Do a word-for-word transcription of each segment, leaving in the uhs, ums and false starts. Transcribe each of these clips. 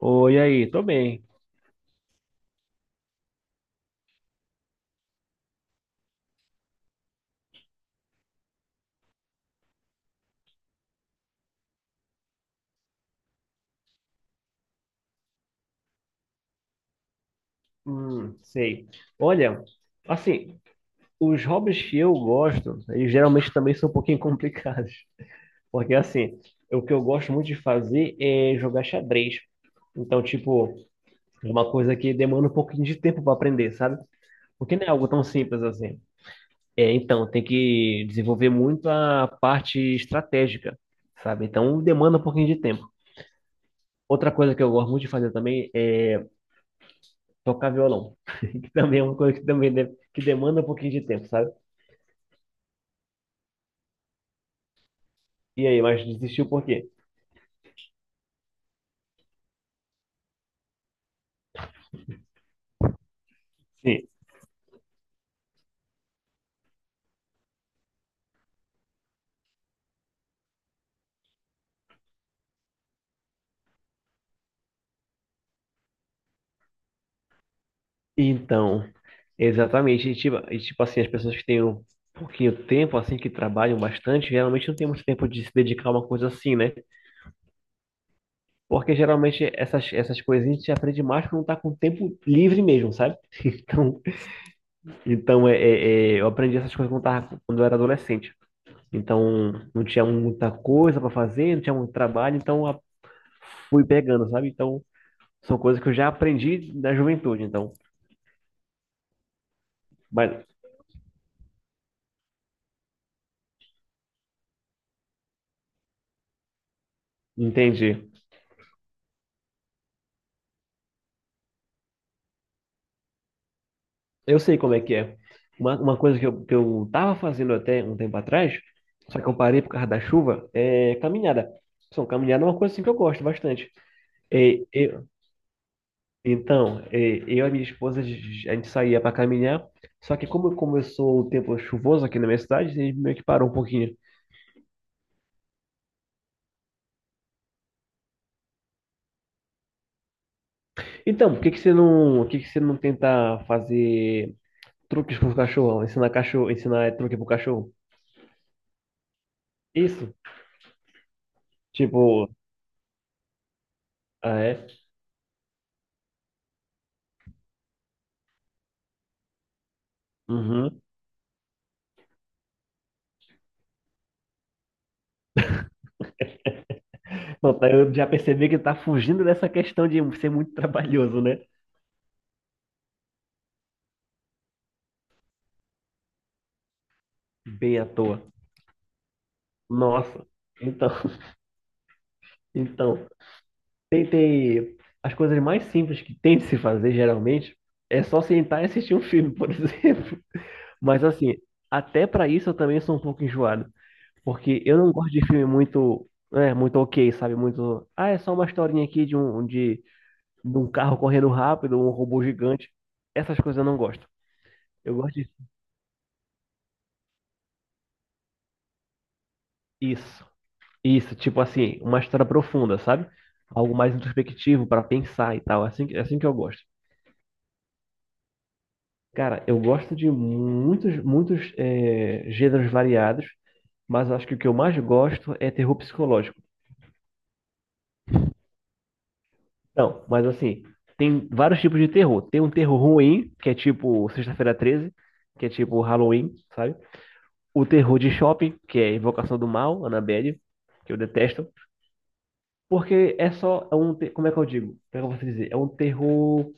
Oi, aí, tô bem. Hum, sei. Olha, assim, os hobbies que eu gosto, eles geralmente também são um pouquinho complicados. Porque, assim, o que eu gosto muito de fazer é jogar xadrez. Então, tipo, é uma coisa que demanda um pouquinho de tempo para aprender, sabe? Porque não é algo tão simples assim. É, então, tem que desenvolver muito a parte estratégica, sabe? Então, demanda um pouquinho de tempo. Outra coisa que eu gosto muito de fazer também é tocar violão, que também é uma coisa que também deve- que demanda um pouquinho de tempo, sabe? E aí, mas desistiu por quê? Sim. Então, exatamente, e tipo, e tipo assim, as pessoas que têm um pouquinho de tempo, assim, que trabalham bastante, geralmente não tem muito tempo de se dedicar a uma coisa assim, né? Porque geralmente essas, essas coisinhas a gente aprende mais quando tá com tempo livre mesmo, sabe? Então, então é, é- é, eu aprendi essas coisas quando, tava, quando eu era adolescente. Então, não tinha muita coisa para fazer, não tinha muito trabalho, então a- fui pegando, sabe? Então, são coisas que eu já aprendi da juventude, então. Mas, entendi. Eu sei como é que é. Uma, uma coisa que eu, que eu tava fazendo até um tempo atrás, só que eu parei por causa da chuva, é caminhada. São caminhada é uma coisa assim que eu gosto bastante. É, eu- então, é, eu e a minha esposa, a gente saía para caminhar, só que como começou o tempo chuvoso aqui na minha cidade, a gente meio que parou um pouquinho. Então, por que que você não, por que que você não tenta fazer truques pro cachorro? Ensinar cachorro, ensinar truque pro cachorro? Isso. Tipo, ah, é? Uhum. Não, tá, eu já percebi que tá fugindo dessa questão de ser muito trabalhoso, né? Bem à toa. Nossa. Então, então, tentei. As coisas mais simples que tem de se fazer, geralmente, é só sentar e assistir um filme, por exemplo. Mas, assim, até pra isso eu também sou um pouco enjoado. Porque eu não gosto de filme muito. É, muito ok, sabe? Muito. Ah, é só uma historinha aqui de um, de, de um carro correndo rápido, um robô gigante. Essas coisas eu não gosto. Eu gosto de... Isso, isso, tipo assim, uma história profunda, sabe? Algo mais introspectivo para pensar e tal. é Assim, que- é assim que eu gosto. Cara, eu gosto de muitos, muitos eh, gêneros variados, mas eu acho que o que eu mais gosto é terror psicológico. Não, mas assim, tem vários tipos de terror. Tem um terror ruim, que é tipo Sexta-feira Treze, que é tipo Halloween, sabe? O terror de shopping, que é Invocação do Mal, Annabelle, que eu detesto, porque é só é um, te- como é que eu digo? Como é que eu posso dizer? É um terror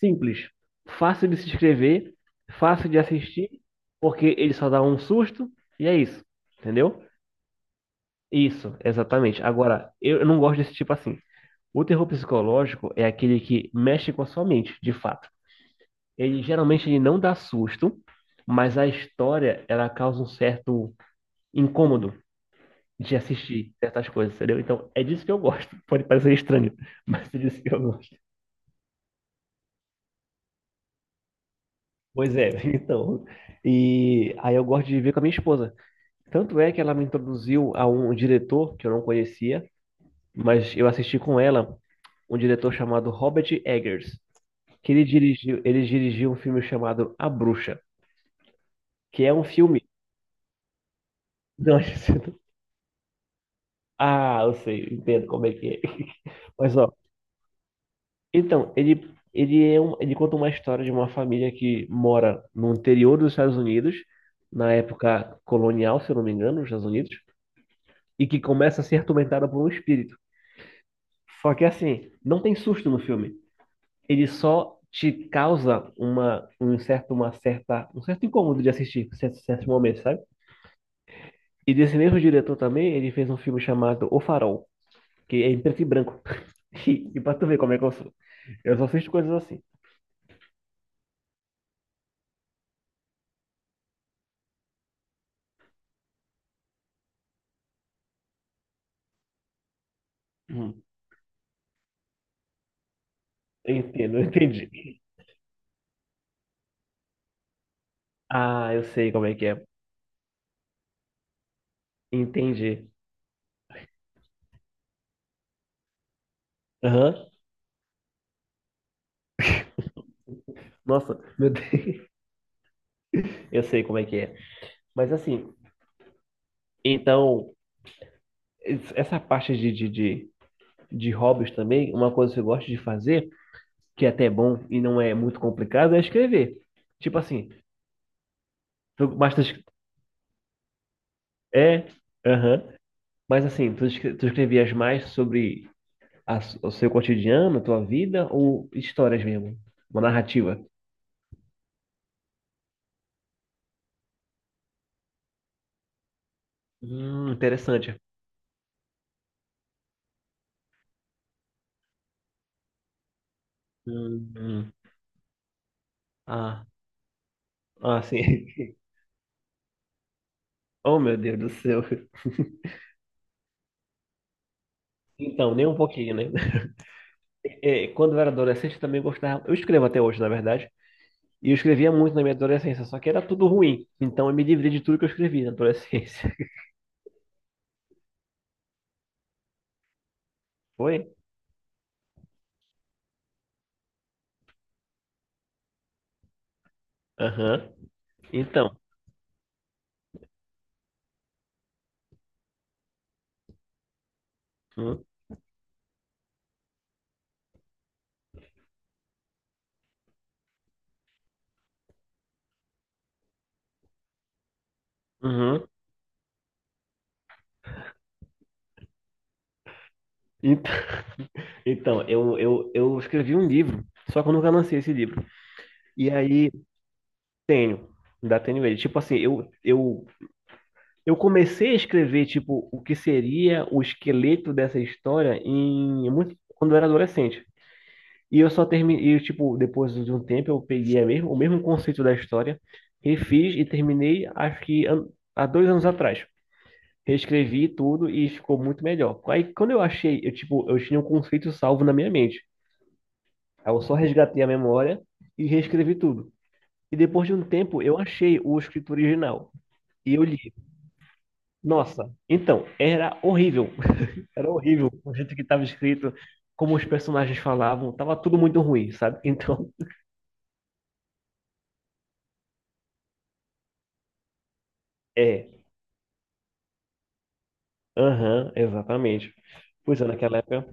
simples, fácil de se inscrever, fácil de assistir, porque ele só dá um susto e é isso, entendeu? Isso, exatamente. Agora, eu eu não gosto desse tipo assim. O terror psicológico é aquele que mexe com a sua mente, de fato. Ele geralmente ele não dá susto, mas a história ela causa um certo incômodo de assistir certas coisas, entendeu? Então, é disso que eu gosto. Pode parecer estranho, mas é disso que eu gosto. Pois é, então. E aí eu gosto de ver com a minha esposa. Tanto é que ela me introduziu a um diretor que eu não conhecia, mas eu assisti com ela um diretor chamado Robert Eggers, que ele dirigiu, ele dirigiu um filme chamado A Bruxa, que é um filme. Não, ah, eu sei, entendo como é que é. Mas ó, então, ele ele é um, ele conta uma história de uma família que mora no interior dos Estados Unidos, na época colonial, se eu não me engano, nos Estados Unidos, e que começa a ser atormentada por um espírito. Só que assim, não tem susto no filme. Ele só te causa uma, um certo, uma certa, um certo incômodo de assistir certos, certos momentos, sabe? E desse mesmo diretor também, ele fez um filme chamado O Farol, que é em preto e branco. E, e pra tu ver como é que eu sou. Eu só assisto coisas assim. Hum. Entendo, entendi. Ah, eu sei como é que é. Entendi. Aham. Nossa, meu Deus. Eu sei como é que é. Mas assim, então, es- essa parte de, de, de, de hobbies também, uma coisa que eu gosto de fazer que é até bom e não é muito complicado, é escrever. Tipo assim, tu, mas tu, es- é, aham, mas assim, tu, es- tu escrevias mais sobre a s- o seu cotidiano, tua vida ou histórias mesmo? Uma narrativa? Hum, interessante. Hum, hum. Ah, ah, sim. Oh, meu Deus do céu. Então, nem um pouquinho, né? É, quando eu era adolescente, eu também gostava. Eu escrevo até hoje, na verdade. E eu escrevia muito na minha adolescência, só que era tudo ruim. Então eu me livrei de tudo que eu escrevi na adolescência. Foi? Aham. Então. Hum, uhum. Ent- Então, eu, eu, eu escrevi um livro, só que eu nunca lancei esse livro. E aí, tenho, ainda tenho ele. Tipo assim, eu, eu, eu comecei a escrever, tipo, o que seria o esqueleto dessa história em, muito, quando eu era adolescente. E eu só terminei, e, tipo, depois de um tempo, eu peguei a mesmo, o mesmo conceito da história, refiz e terminei, acho que an- há dois anos atrás. Reescrevi tudo e ficou muito melhor. Aí quando eu achei, eu tipo, eu tinha um conceito salvo na minha mente. Aí eu só resgatei a memória e reescrevi tudo. E depois de um tempo eu achei o escrito original e eu li. Nossa, então, era horrível. Era horrível o jeito que estava escrito, como os personagens falavam, tava tudo muito ruim, sabe? Então, é, aham, exatamente. Pois é, naquela época,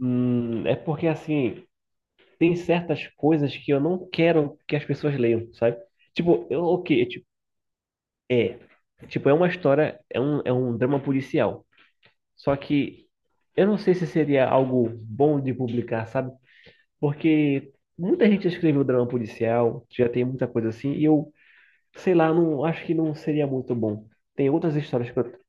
hum, é porque assim, tem certas coisas que eu não quero que as pessoas leiam, sabe? Tipo, eu, ok, é tipo, é. Tipo, é uma história, é um, é um drama policial. Só que eu não sei se seria algo bom de publicar, sabe? Porque muita gente já escreveu drama policial, já tem muita coisa assim, e eu, sei lá, não acho que não seria muito bom. Tem outras histórias que eu...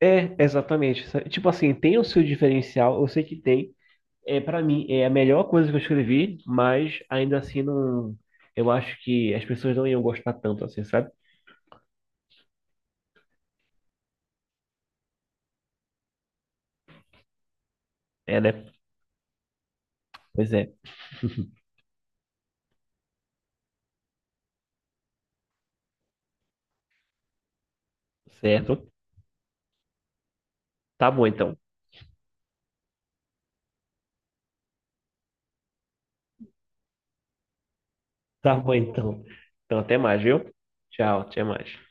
É, exatamente, sabe? Tipo assim, tem o seu diferencial, eu sei que tem. É, para mim, é a melhor coisa que eu escrevi, mas ainda assim não. Eu acho que as pessoas não iam gostar tanto assim, sabe? É, né? Pois é. Certo. Tá bom então. Tá bom então. Então até mais, viu? Tchau, até mais.